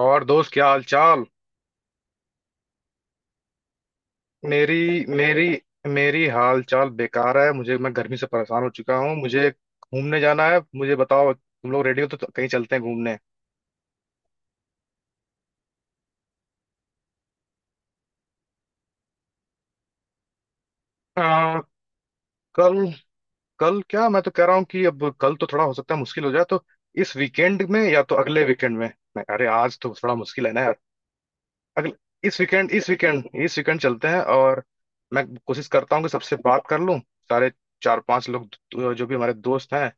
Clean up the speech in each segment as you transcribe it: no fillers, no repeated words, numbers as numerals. और दोस्त क्या हाल चाल। मेरी मेरी मेरी हाल चाल बेकार है मुझे, मैं गर्मी से परेशान हो चुका हूँ। मुझे घूमने जाना है। मुझे बताओ तुम लोग रेडी हो तो कहीं चलते हैं घूमने। आ, कल कल क्या, मैं तो कह रहा हूँ कि अब कल तो थोड़ा हो सकता है मुश्किल हो जाए, तो इस वीकेंड में या तो अगले वीकेंड में। नहीं, अरे आज तो थोड़ा मुश्किल है ना यार। अगले इस वीकेंड चलते हैं। और मैं कोशिश करता हूँ कि सबसे बात कर लूँ। सारे चार पांच लोग जो भी हमारे दोस्त हैं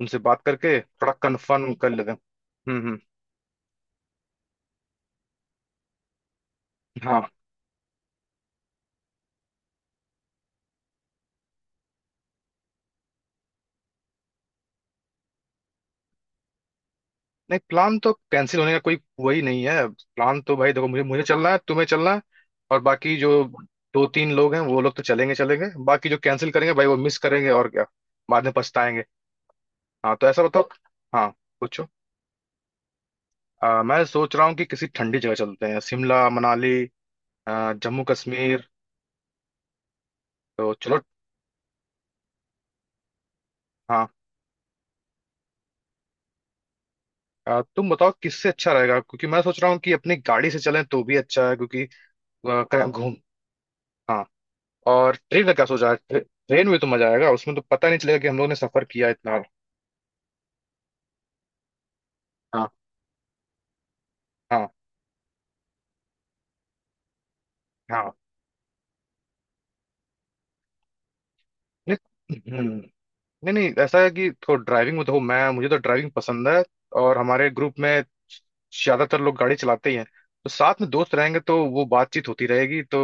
उनसे बात करके थोड़ा कंफर्म कर लेते हैं। हम्म, हम्म। हाँ। नहीं, प्लान तो कैंसिल होने का कोई वही नहीं है। प्लान तो भाई देखो, मुझे मुझे चलना है, तुम्हें चलना है। और बाकी जो दो तीन लोग हैं वो लोग तो चलेंगे चलेंगे। बाकी जो कैंसिल करेंगे भाई वो मिस करेंगे और क्या, बाद में पछताएंगे। हाँ तो ऐसा बताओ। हाँ, पूछो। मैं सोच रहा हूँ कि किसी ठंडी जगह चलते हैं, शिमला, मनाली, जम्मू कश्मीर। तो चलो। हाँ, तुम बताओ किससे अच्छा रहेगा, क्योंकि मैं सोच रहा हूँ कि अपनी गाड़ी से चलें तो भी अच्छा है, क्योंकि घूम। हाँ। और ट्रेन का क्या सोचा है? ट्रेन में तो मजा आएगा, उसमें तो पता नहीं चलेगा कि हम लोग ने सफर किया इतना। हाँ। हाँ। हाँ। नहीं। हम्म, नहीं नहीं, ऐसा है कि तो ड्राइविंग में तो हूँ मैं, मुझे तो ड्राइविंग पसंद है। और हमारे ग्रुप में ज्यादातर लोग गाड़ी चलाते ही हैं। तो साथ में दोस्त रहेंगे तो वो बातचीत होती रहेगी तो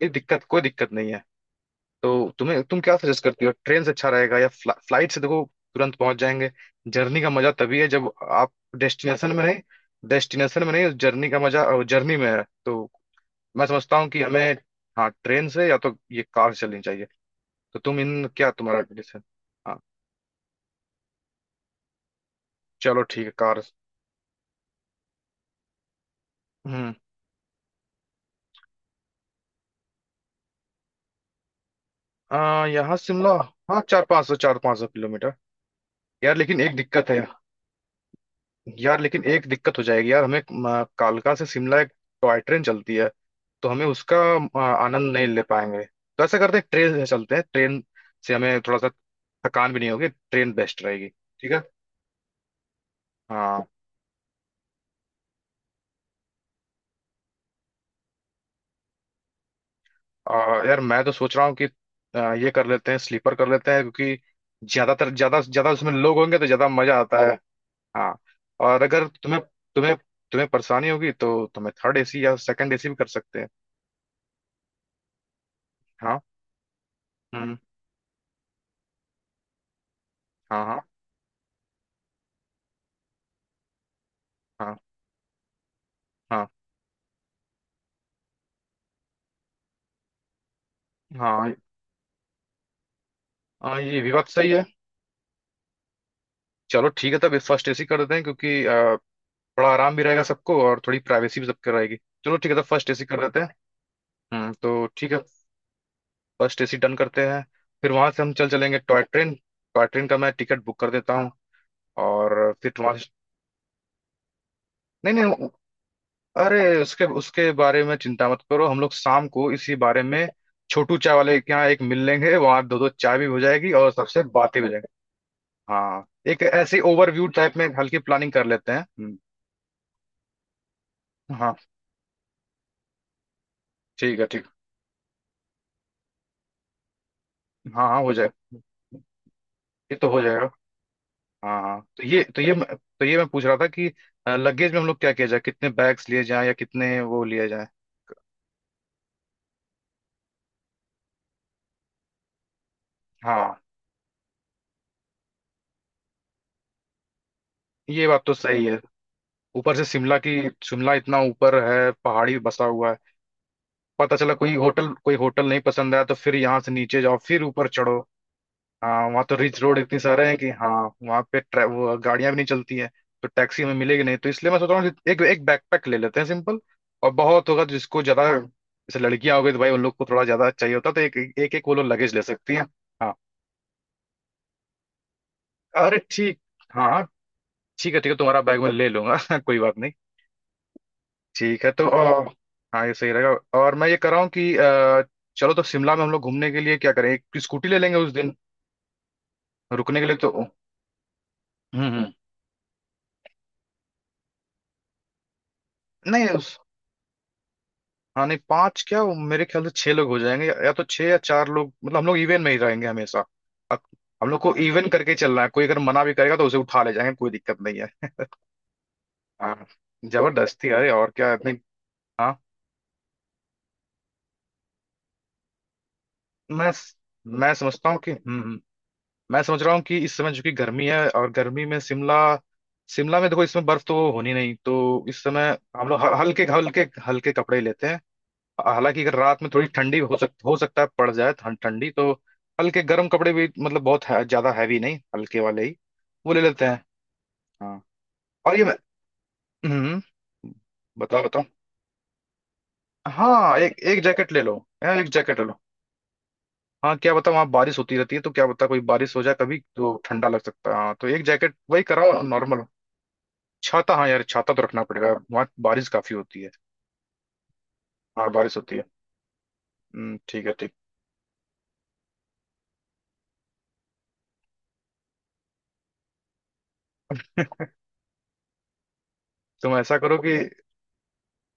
कोई दिक्कत, कोई दिक्कत नहीं है। तो तुम्हें, तुम क्या सजेस्ट करती हो, ट्रेन से अच्छा रहेगा या फ्लाइट से? देखो, तुरंत पहुंच जाएंगे। जर्नी का मजा तभी है जब आप डेस्टिनेशन में नहीं। डेस्टिनेशन में नहीं, जर्नी का मजा जर्नी में है। तो मैं समझता हूँ कि हमें, हाँ, ट्रेन से या तो ये कार से चलनी चाहिए। तो तुम इन क्या, तुम्हारा डिसीजन। हाँ, चलो ठीक है कार। हम्म। यहाँ शिमला। हाँ, चार पाँच सौ किलोमीटर। यार लेकिन एक दिक्कत है। यार लेकिन एक दिक्कत हो जाएगी यार, हमें कालका से शिमला एक टॉय ट्रेन चलती है, तो हमें उसका आनंद नहीं ले पाएंगे। तो ऐसा करते हैं ट्रेन से चलते हैं, ट्रेन से हमें थोड़ा सा थकान भी नहीं होगी, ट्रेन बेस्ट रहेगी। ठीक है। हाँ। अ, यार मैं तो सोच रहा हूँ कि ये कर लेते हैं, स्लीपर कर लेते हैं, क्योंकि ज्यादा उसमें लोग होंगे तो ज्यादा मजा आता है। हाँ। और अगर तुम्हें तुम्हें तुम्हें परेशानी होगी तो तुम्हें थर्ड एसी या सेकंड एसी भी कर सकते हैं। हाँ। हम्म। हाँ। हाँ। हाँ। हाँ। हाँ। हाँ। ये भी बात सही है। चलो ठीक है, तब ये फर्स्ट एसी कर देते हैं, क्योंकि थोड़ा आराम भी रहेगा सबको और थोड़ी प्राइवेसी भी सबकी रहेगी। चलो ठीक है, तब फर्स्ट एसी कर देते हैं। हम्म, तो ठीक है, फर्स्ट एसी डन करते हैं। फिर वहां से हम चल चलेंगे टॉय ट्रेन, टॉय ट्रेन का मैं टिकट बुक कर देता हूँ। और फिर वहां से, नहीं नहीं, अरे उसके उसके बारे में चिंता मत करो, हम लोग शाम को इसी बारे में छोटू चाय वाले के यहाँ एक मिल लेंगे, वहां दो दो चाय भी हो जाएगी और सबसे बातें भी हो जाएंगी। हाँ, एक ऐसी ओवरव्यू टाइप में हल्की प्लानिंग कर लेते हैं। हम्म। हाँ। ठीक है, ठीक। हाँ हाँ, हो जाएगा, ये तो हो जाएगा। हाँ हाँ, तो ये मैं पूछ रहा था कि लगेज में हम लोग क्या किया जाए, कितने बैग्स लिए जाएं या कितने वो लिए जाएं। हाँ, ये बात तो सही है। ऊपर से शिमला की, शिमला इतना ऊपर है, पहाड़ी बसा हुआ है। पता चला कोई होटल नहीं पसंद आया तो फिर यहाँ से नीचे जाओ फिर ऊपर चढ़ो। हाँ, वहाँ तो रिच रोड इतने सारे हैं कि, हाँ, वहाँ पे वो गाड़ियाँ भी नहीं चलती हैं, तो टैक्सी हमें मिलेगी नहीं। तो इसलिए मैं सोच रहा हूँ कि एक एक बैकपैक ले लेते हैं सिंपल। और बहुत होगा तो जिसको ज्यादा, जैसे लड़कियां हो गई तो भाई उन लोग को थोड़ा ज्यादा चाहिए होता है, तो एक एक एक वो लोग लगेज ले सकती हैं। हाँ, अरे ठीक, हाँ हाँ, ठीक है ठीक है, तुम्हारा बैग मैं ले लूंगा कोई बात नहीं। ठीक है तो हाँ ये सही रहेगा। और मैं ये कर रहा हूँ कि चलो, तो शिमला में हम लोग घूमने के लिए क्या करें, एक स्कूटी ले लेंगे उस दिन। रुकने के लिए तो, हम्म, हम्म। नहीं, हाँ नहीं, पांच क्या, वो मेरे ख्याल से छह लोग हो जाएंगे, या तो छह या चार लोग, मतलब हम लोग इवन में ही रहेंगे हमेशा। अब हम लोग को इवन करके ही चलना है, कोई अगर मना भी करेगा तो उसे उठा ले जाएंगे, कोई दिक्कत नहीं है। हाँ, जबरदस्ती, अरे और क्या इतनी। हाँ। मैं मैं समझता हूँ कि, मैं समझ रहा हूँ कि इस समय चूंकि गर्मी है और गर्मी में शिमला, शिमला में देखो इसमें बर्फ तो होनी नहीं, तो इस समय हम लोग हल्के हल्के, हल्के कपड़े ही लेते हैं। हालांकि अगर रात में थोड़ी ठंडी हो सकता है पड़ जाए ठंडी तो हल्के गर्म कपड़े भी, मतलब बहुत है, ज्यादा हैवी नहीं, हल्के वाले ही वो ले लेते हैं। हाँ। और ये मैं, हम्म, बताओ बताओ। हाँ, एक एक जैकेट ले लो, यार एक जैकेट ले लो। हाँ, क्या बताओ वहाँ बारिश होती रहती है, तो क्या बताओ कोई बारिश हो जाए कभी तो ठंडा लग सकता है, हाँ तो एक जैकेट वही कराओ नॉर्मल। छाता, हाँ यार, छाता तो रखना पड़ेगा, वहाँ बारिश काफी होती है। हाँ बारिश होती है। ठीक है, ठीक। तुम ऐसा करो कि,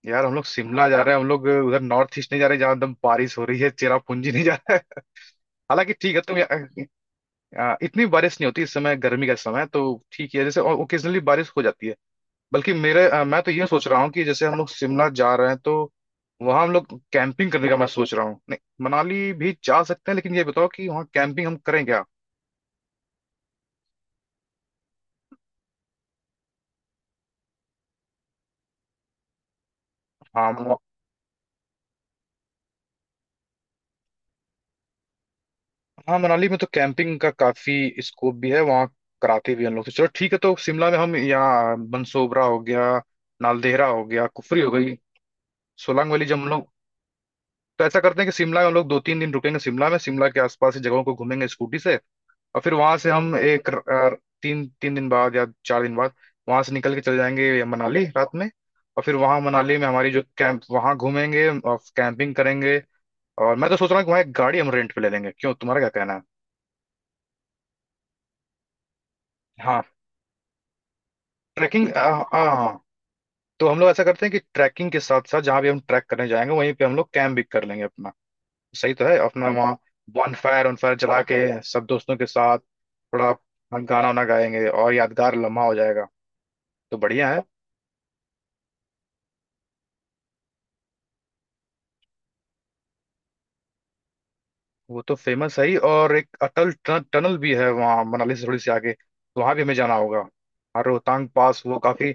यार हम लोग शिमला जा रहे हैं, हम लोग उधर नॉर्थ ईस्ट नहीं जा रहे जहाँ एकदम बारिश हो रही है, चेरापूंजी नहीं जा रहा है हालांकि ठीक है, तुम यहाँ- इतनी बारिश नहीं होती, इस समय गर्मी का समय है, तो ठीक है, जैसे ओकेजनली बारिश हो जाती है। बल्कि मेरे मैं तो ये सोच रहा हूँ कि जैसे हम लोग शिमला जा रहे हैं तो वहाँ हम लोग कैंपिंग करने का मैं सोच रहा हूँ। नहीं, मनाली भी जा सकते हैं, लेकिन ये बताओ कि वहाँ कैंपिंग हम करें क्या। हाँ हाँ, मनाली में तो कैंपिंग का काफी स्कोप भी है वहाँ, कराते भी हैं लोग। तो चलो ठीक है, तो शिमला में हम यहाँ बंसोबरा हो गया, नालदेहरा हो गया, कुफरी हो गई, सोलांग वैली, जब हम लोग, तो ऐसा करते हैं कि शिमला में हम लोग दो तीन दिन रुकेंगे, शिमला में, शिमला के आसपास की जगहों को घूमेंगे स्कूटी से। और फिर वहां से हम एक तीन तीन दिन बाद या चार दिन बाद वहां से निकल के चले जाएंगे मनाली, रात में। और फिर वहां मनाली में हमारी जो कैंप, वहां घूमेंगे और कैंपिंग करेंगे। और मैं तो सोच रहा हूँ कि वहाँ एक गाड़ी हम रेंट पे ले लेंगे, क्यों, तुम्हारा क्या कहना है। ट्रैकिंग, हाँ हाँ, तो हम लोग ऐसा करते हैं कि ट्रैकिंग के साथ साथ जहाँ भी हम ट्रैक करने जाएंगे वहीं पे हम लोग कैंप भी कर लेंगे अपना। सही तो है, अपना वहाँ वन फायर जला के सब दोस्तों के साथ थोड़ा गाना वाना गाएंगे और यादगार लम्हा हो जाएगा। तो बढ़िया है। वो तो फेमस है ही, और एक अटल टनल भी है वहाँ मनाली से थोड़ी सी आगे, तो वहाँ भी हमें जाना होगा। और रोहतांग पास, वो काफी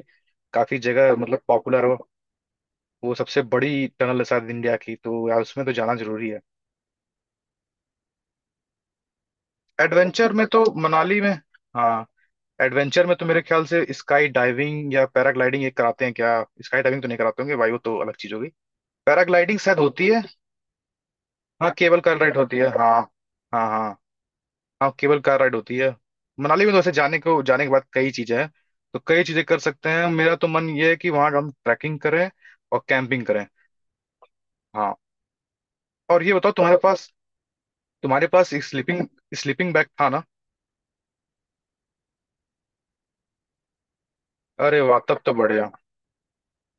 काफी जगह मतलब पॉपुलर हो, वो सबसे बड़ी टनल है शायद इंडिया की, तो यार उसमें तो जाना जरूरी है। एडवेंचर में तो मनाली में, हाँ, एडवेंचर में तो मेरे ख्याल से स्काई डाइविंग या पैराग्लाइडिंग ये कराते हैं क्या। स्काई डाइविंग तो नहीं कराते होंगे भाई, वो तो अलग चीज होगी। पैराग्लाइडिंग शायद होती है। हाँ, केबल कार राइड होती है, हाँ हाँ, हाँ हाँ, केबल कार राइड होती है। मनाली में तो वैसे जाने को, जाने के बाद कई चीजें हैं, तो कई चीजें कर सकते हैं। मेरा तो मन ये है कि वहाँ हम ट्रैकिंग करें और कैंपिंग करें। हाँ। और ये बताओ तुम्हारे पास, तुम्हारे पास एक स्लीपिंग, स्लीपिंग बैग था ना। अरे वाह, तब तो बढ़िया।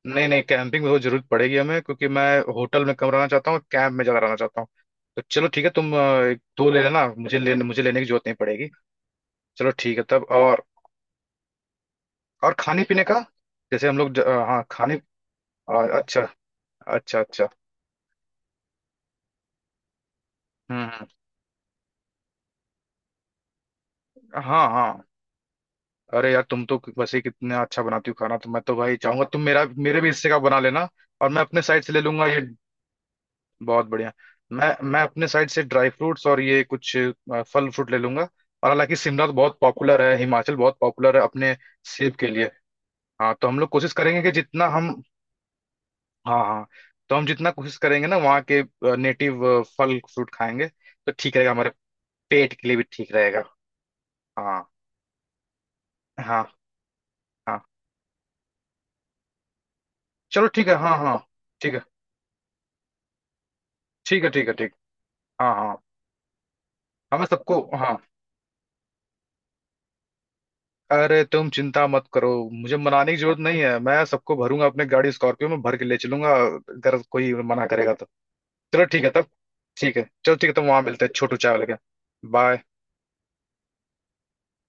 नहीं नहीं, कैंपिंग में वो जरूरत पड़ेगी हमें, क्योंकि मैं होटल में कम रहना चाहता हूँ, कैंप में ज्यादा रहना चाहता हूँ। तो चलो ठीक है, तुम एक दो ले लेना, मुझे लेने की जरूरत नहीं पड़ेगी। चलो ठीक है तब। और खाने पीने का, जैसे हम लोग हाँ खाने, अ, अच्छा, अच्छा अच्छा। हम्म हम्म, हाँ हाँ, अरे यार तुम तो वैसे ही कितना अच्छा बनाती हो खाना, तो मैं तो भाई चाहूंगा तुम मेरा मेरे भी हिस्से का बना लेना और मैं अपने साइड से ले लूंगा ये। बहुत बढ़िया। मैं अपने साइड से ड्राई फ्रूट्स और ये कुछ फल फ्रूट ले लूंगा। और हालांकि शिमला तो बहुत पॉपुलर है, हिमाचल बहुत पॉपुलर है अपने सेब के लिए। हाँ, तो हम लोग कोशिश करेंगे कि जितना हम, हाँ हाँ, तो हम जितना कोशिश करेंगे ना वहाँ के नेटिव फल फ्रूट खाएंगे तो ठीक रहेगा, हमारे पेट के लिए भी ठीक रहेगा। हाँ। हाँ, हाँ। चलो ठीक है। हाँ हाँ। ठीक है, ठीक है, ठीक है, ठीक। हाँ हाँ। हमें सबको, हाँ, अरे तुम चिंता मत करो, मुझे मनाने की जरूरत नहीं है, मैं सबको भरूंगा अपने गाड़ी स्कॉर्पियो में भर के ले चलूंगा, अगर कोई मना करेगा तो। चलो ठीक है तब। ठीक है, चलो ठीक है तब, वहां मिलते हैं छोटू चाय वाले के। बाय।